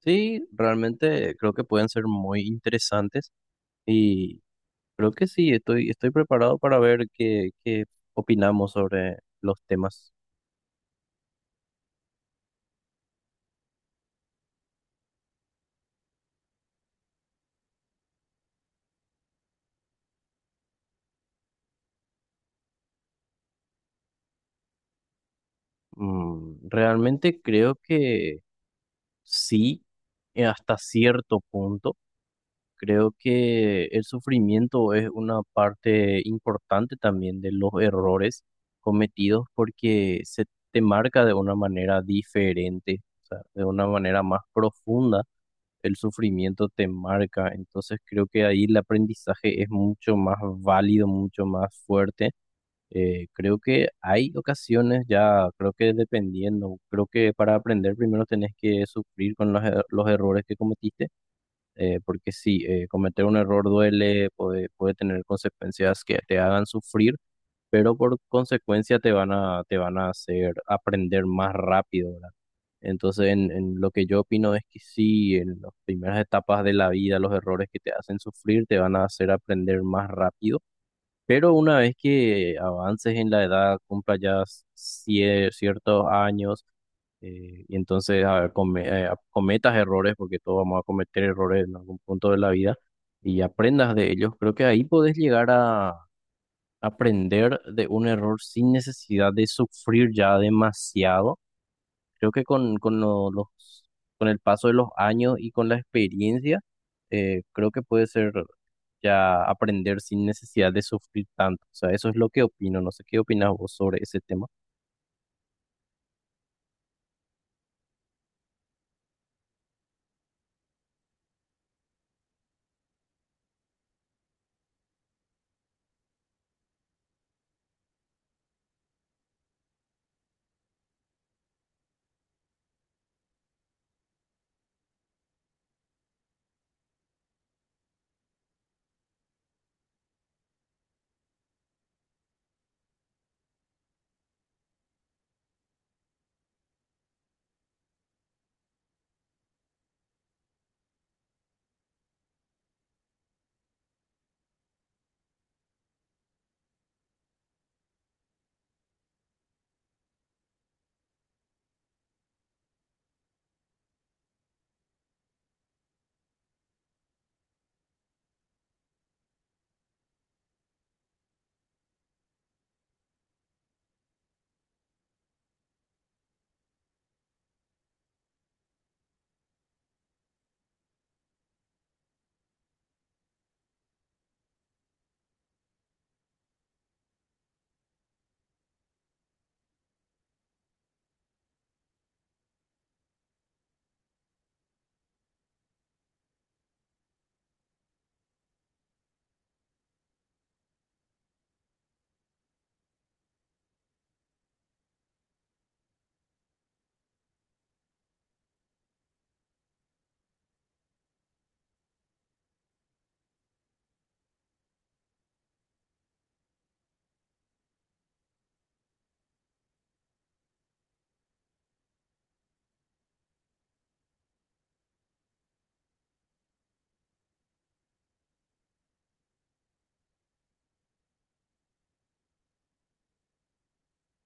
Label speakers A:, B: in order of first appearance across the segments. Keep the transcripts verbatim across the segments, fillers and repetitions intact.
A: Sí, realmente creo que pueden ser muy interesantes y creo que sí, estoy, estoy preparado para ver qué, qué opinamos sobre los temas. Mm, realmente creo que sí, eh, hasta cierto punto. Creo que el sufrimiento es una parte importante también de los errores cometidos porque se te marca de una manera diferente, o sea, de una manera más profunda el sufrimiento te marca. Entonces creo que ahí el aprendizaje es mucho más válido, mucho más fuerte. Eh, creo que hay ocasiones ya, creo que dependiendo, creo que para aprender primero tenés que sufrir con los, er- los errores que cometiste, eh, porque sí, eh, cometer un error duele, puede, puede tener consecuencias que te hagan sufrir, pero por consecuencia te van a, te van a hacer aprender más rápido, ¿verdad? Entonces, en, en lo que yo opino es que sí, en las primeras etapas de la vida, los errores que te hacen sufrir te van a hacer aprender más rápido, pero una vez que avances en la edad, cumpla ya cie- ciertos años, eh, y entonces a- come- eh, cometas errores, porque todos vamos a cometer errores en algún punto de la vida, y aprendas de ellos, creo que ahí podés llegar aprender de un error sin necesidad de sufrir ya demasiado. Creo que con, con lo- los, con el paso de los años y con la experiencia, eh, creo que puede ser ya aprender sin necesidad de sufrir tanto. O sea, eso es lo que opino. No sé qué opinas vos sobre ese tema.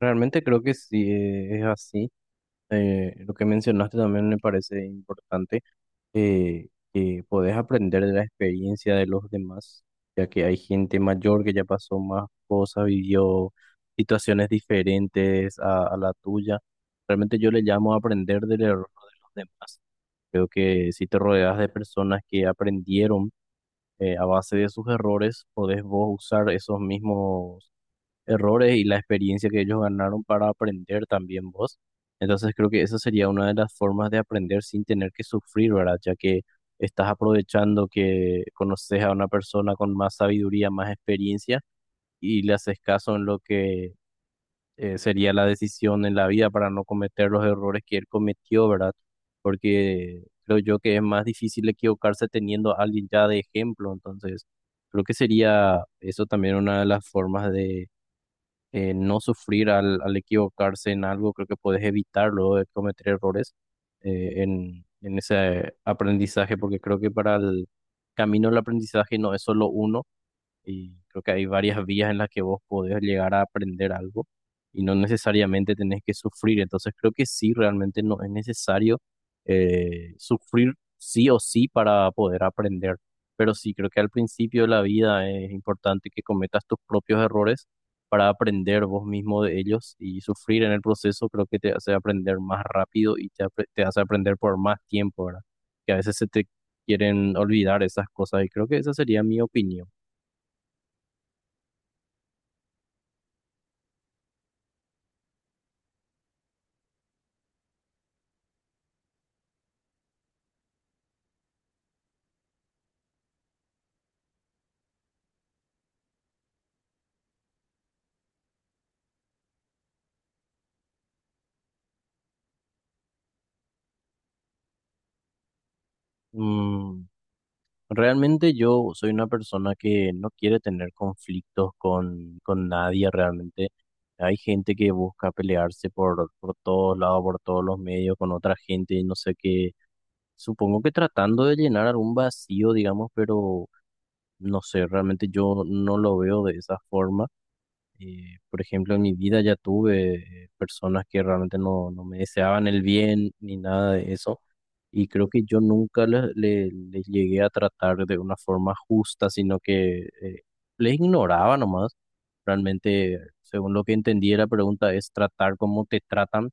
A: Realmente creo que sí eh, es así. Eh, lo que mencionaste también me parece importante. eh, que podés aprender de la experiencia de los demás, ya que hay gente mayor que ya pasó más cosas, vivió situaciones diferentes a, a la tuya. Realmente yo le llamo aprender del error de los demás. Creo que si te rodeas de personas que aprendieron eh, a base de sus errores, podés vos usar esos mismos errores y la experiencia que ellos ganaron para aprender también vos. Entonces creo que esa sería una de las formas de aprender sin tener que sufrir, ¿verdad? Ya que estás aprovechando que conoces a una persona con más sabiduría, más experiencia y le haces caso en lo que eh, sería la decisión en la vida para no cometer los errores que él cometió, ¿verdad? Porque creo yo que es más difícil equivocarse teniendo a alguien ya de ejemplo, entonces creo que sería eso también una de las formas de eh, no sufrir al, al equivocarse en algo, creo que puedes evitarlo de cometer errores eh, en, en ese aprendizaje, porque creo que para el camino del aprendizaje no es solo uno y creo que hay varias vías en las que vos podés llegar a aprender algo y no necesariamente tenés que sufrir. Entonces creo que sí, realmente no es necesario eh, sufrir sí o sí para poder aprender. Pero sí, creo que al principio de la vida es importante que cometas tus propios errores para aprender vos mismo de ellos y sufrir en el proceso creo que te hace aprender más rápido y te, apre- te hace aprender por más tiempo, ¿verdad? Que a veces se te quieren olvidar esas cosas y creo que esa sería mi opinión. Mm, realmente yo soy una persona que no quiere tener conflictos con, con nadie realmente. Hay gente que busca pelearse por, por todos lados, por todos los medios, con otra gente, y no sé qué. Supongo que tratando de llenar algún vacío, digamos, pero no sé, realmente yo no lo veo de esa forma. Eh, por ejemplo, en mi vida ya tuve eh, personas que realmente no, no me deseaban el bien ni nada de eso. Y creo que yo nunca le- le- les llegué a tratar de una forma justa, sino que eh, les ignoraba nomás. Realmente, según lo que entendí, la pregunta es tratar como te tratan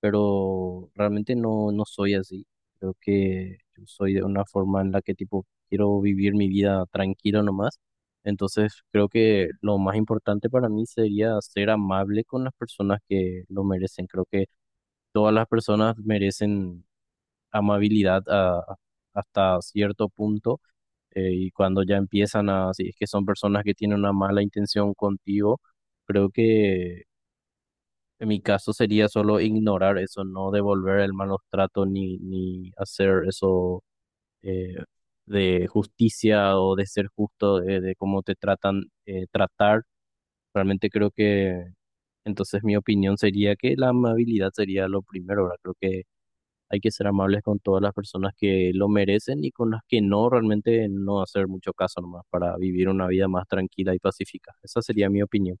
A: pero realmente no, no soy así. Creo que yo soy de una forma en la que tipo quiero vivir mi vida tranquilo nomás. Entonces creo que lo más importante para mí sería ser amable con las personas que lo merecen. Creo que todas las personas merecen amabilidad a- hasta cierto punto. Eh, y cuando ya empiezan a, si es que son personas que tienen una mala intención contigo, creo que en mi caso sería solo ignorar eso, no devolver el malos trato ni, ni hacer eso eh, de justicia o de ser justo, eh, de cómo te tratan, eh, tratar. Realmente creo que entonces mi opinión sería que la amabilidad sería lo primero, ¿verdad? Creo que hay que ser amables con todas las personas que lo merecen y con las que no, realmente no hacer mucho caso nomás para vivir una vida más tranquila y pacífica. Esa sería mi opinión.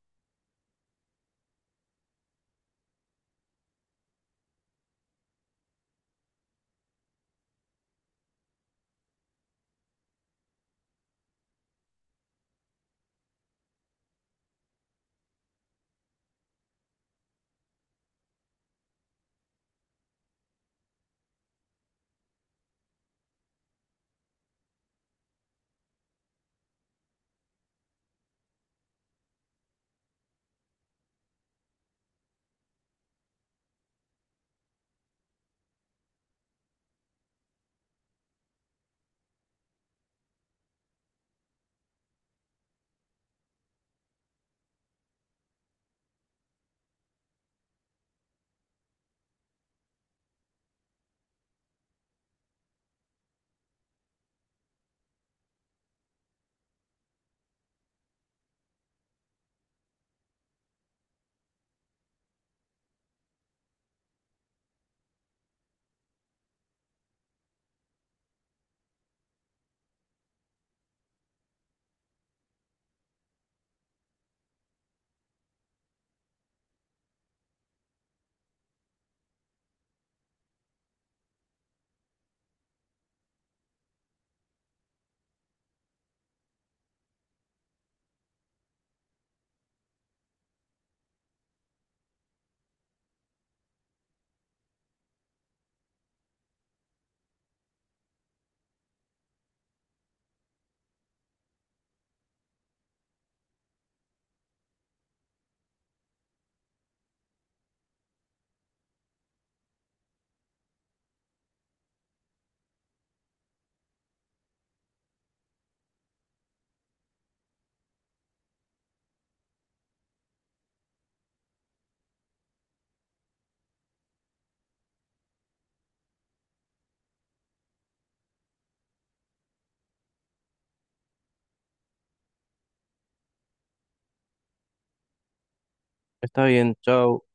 A: Está bien, chao.